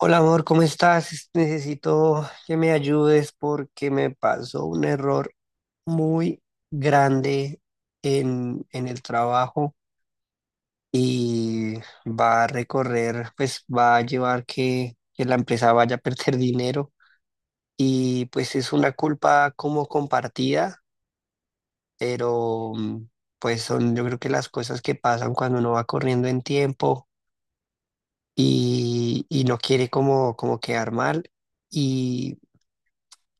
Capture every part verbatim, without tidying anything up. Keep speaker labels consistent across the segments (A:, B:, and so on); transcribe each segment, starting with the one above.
A: Hola amor, ¿cómo estás? Necesito que me ayudes porque me pasó un error muy grande en, en el trabajo y va a recorrer, pues va a llevar que, que la empresa vaya a perder dinero y pues es una culpa como compartida, pero mm, pues son yo creo que las cosas que pasan cuando uno va corriendo en tiempo y, y no quiere como, como quedar mal.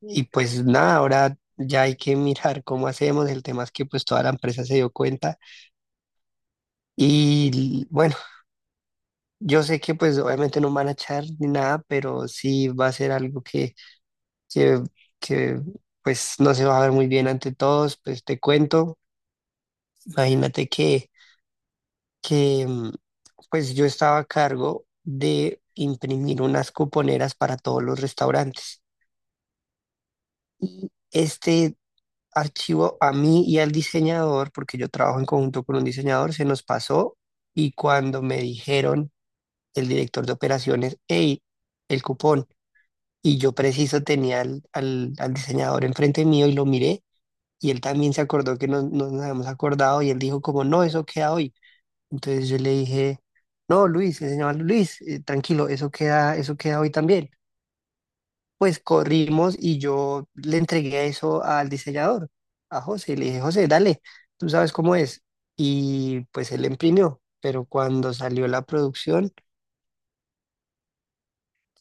A: Y pues nada, ahora ya hay que mirar cómo hacemos. El tema es que pues toda la empresa se dio cuenta. Y bueno, yo sé que pues obviamente no van a echar ni nada, pero sí va a ser algo que, que, que pues no se va a ver muy bien ante todos. Pues te cuento, imagínate que, que mm, pues yo estaba a cargo de imprimir unas cuponeras para todos los restaurantes. Y este archivo a mí y al diseñador, porque yo trabajo en conjunto con un diseñador, se nos pasó y cuando me dijeron el director de operaciones, hey, el cupón, y yo preciso tenía al, al, al diseñador enfrente mío y lo miré y él también se acordó que no, no nos habíamos acordado y él dijo como, no, eso queda hoy. Entonces yo le dije, no, Luis, se llama Luis, eh, tranquilo, eso queda, eso queda hoy también. Pues corrimos y yo le entregué eso al diseñador, a José. Le dije, José, dale, tú sabes cómo es. Y pues él imprimió, pero cuando salió la producción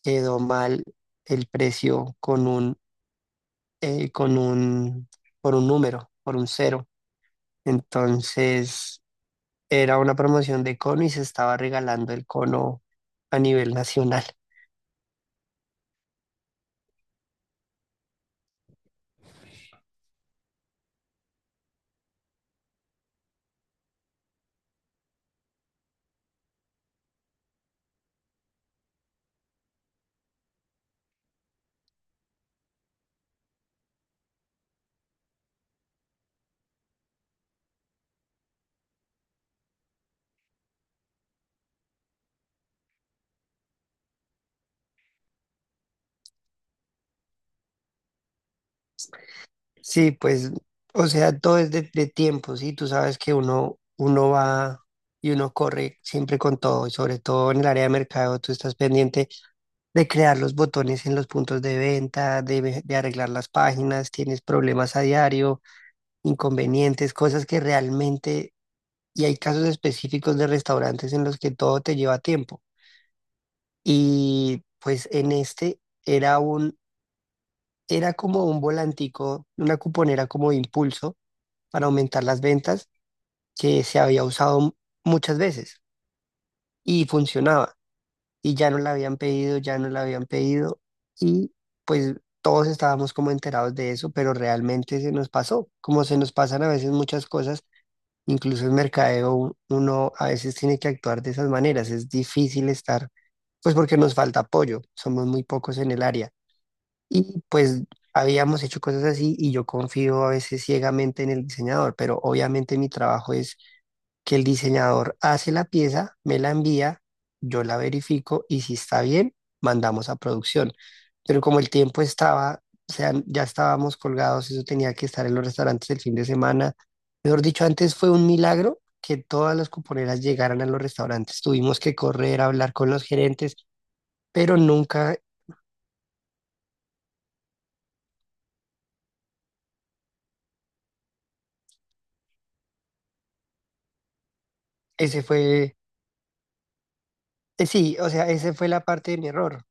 A: quedó mal el precio con un, eh, con un, por un número, por un cero. Entonces era una promoción de cono y se estaba regalando el cono a nivel nacional. Sí, pues, o sea, todo es de, de tiempo, ¿sí? Tú sabes que uno, uno va y uno corre siempre con todo, y sobre todo en el área de mercado, tú estás pendiente de crear los botones en los puntos de venta, de, ve- de arreglar las páginas, tienes problemas a diario, inconvenientes, cosas que realmente, y hay casos específicos de restaurantes en los que todo te lleva tiempo. Y pues en este era un, era como un volantico, una cuponera como de impulso para aumentar las ventas que se había usado muchas veces y funcionaba y ya no la habían pedido, ya no la habían pedido y pues todos estábamos como enterados de eso, pero realmente se nos pasó, como se nos pasan a veces muchas cosas, incluso en mercadeo u- uno a veces tiene que actuar de esas maneras, es difícil estar, pues porque nos falta apoyo, somos muy pocos en el área y pues... Habíamos hecho cosas así y yo confío a veces ciegamente en el diseñador, pero obviamente mi trabajo es que el diseñador hace la pieza, me la envía, yo la verifico y si está bien, mandamos a producción. Pero como el tiempo estaba, o sea, ya estábamos colgados, eso tenía que estar en los restaurantes el fin de semana. Mejor dicho, antes fue un milagro que todas las cuponeras llegaran a los restaurantes. Tuvimos que correr, hablar con los gerentes, pero nunca ese fue, eh, sí, o sea, esa fue la parte de mi error.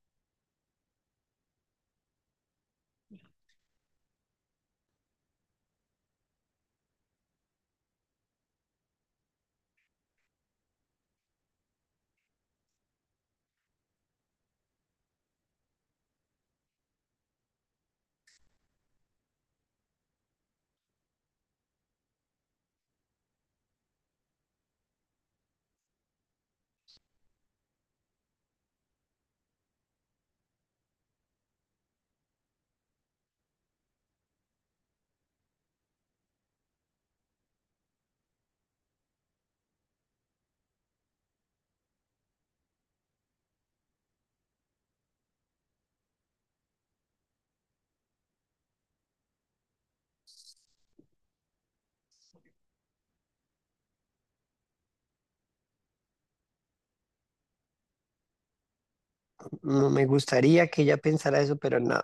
A: No me gustaría que ella pensara eso, pero no.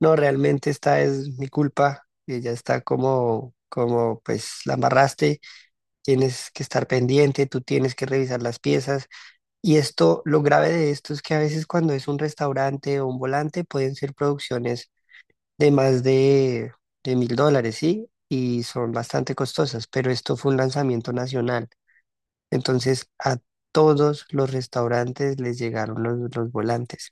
A: No, realmente esta es mi culpa, que ya está como, como pues la amarraste, tienes que estar pendiente, tú tienes que revisar las piezas. Y esto, lo grave de esto es que a veces cuando es un restaurante o un volante pueden ser producciones de más de, de mil dólares, ¿sí? Y son bastante costosas, pero esto fue un lanzamiento nacional. Entonces a todos los restaurantes les llegaron los, los volantes.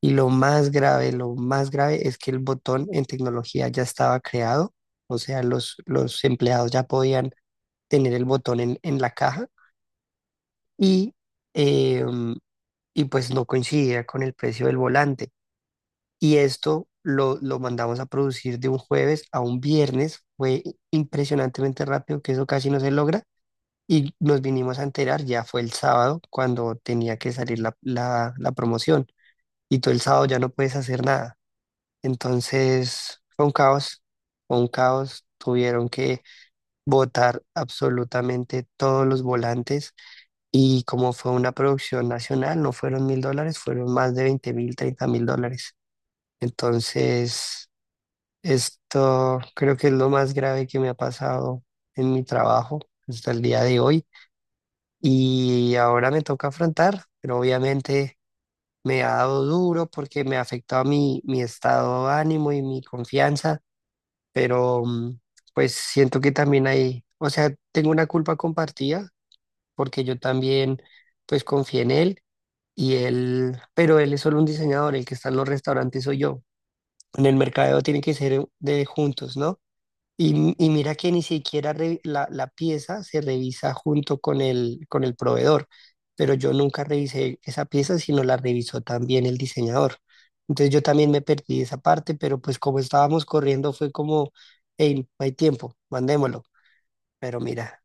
A: Y lo más grave, lo más grave es que el botón en tecnología ya estaba creado, o sea, los, los empleados ya podían tener el botón en, en la caja y, eh, y pues no coincidía con el precio del volante. Y esto lo, lo mandamos a producir de un jueves a un viernes, fue impresionantemente rápido, que eso casi no se logra, y nos vinimos a enterar, ya fue el sábado, cuando tenía que salir la, la, la promoción. Y todo el sábado ya no puedes hacer nada. Entonces fue un caos, fue un caos. Tuvieron que botar absolutamente todos los volantes. Y como fue una producción nacional, no fueron mil dólares, fueron más de veinte mil, treinta mil dólares. Entonces, esto creo que es lo más grave que me ha pasado en mi trabajo hasta el día de hoy. Y ahora me toca afrontar, pero obviamente me ha dado duro porque me ha afectado mi, mi estado de ánimo y mi confianza, pero mm, pues siento que también hay, o sea, tengo una culpa compartida porque yo también pues confié en él y él, pero él es solo un diseñador, el que está en los restaurantes soy yo. En el mercadeo tiene que ser de juntos, ¿no? Y, y mira que ni siquiera re- la, la pieza se revisa junto con el, con el proveedor, pero yo nunca revisé esa pieza, sino la revisó también el diseñador. Entonces yo también me perdí esa parte, pero pues como estábamos corriendo fue como, hey, no hay tiempo, mandémoslo. Pero mira,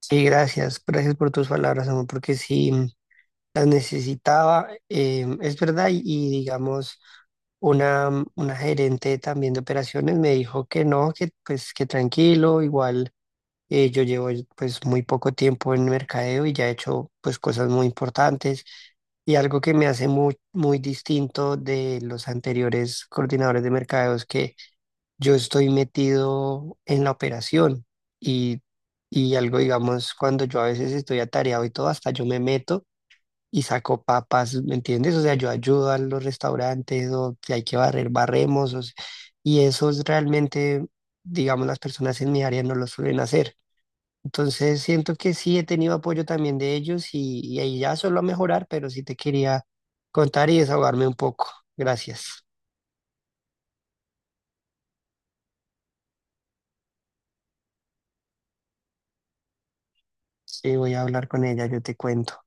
A: sí, gracias, gracias por tus palabras, amor, porque sí, las necesitaba, eh, es verdad, y, y digamos, una, mm, una gerente también de operaciones me dijo que no, que pues que tranquilo, igual eh, yo llevo pues muy poco tiempo en mercadeo y ya he hecho pues cosas muy importantes y algo que me hace muy, muy distinto de los anteriores coordinadores de mercadeo es que yo estoy metido en la operación y, y algo, digamos, cuando yo a veces estoy atareado y todo, hasta yo me meto y saco papas, ¿me entiendes? O sea, yo ayudo a los restaurantes o si hay que barrer, barremos. O si- Y eso es realmente, digamos, las personas en mi área no lo suelen hacer. Entonces siento que sí he tenido apoyo también de ellos y, y ahí ya solo a mejorar, pero sí te quería contar y desahogarme un poco. Gracias. Sí, voy a hablar con ella, yo te cuento.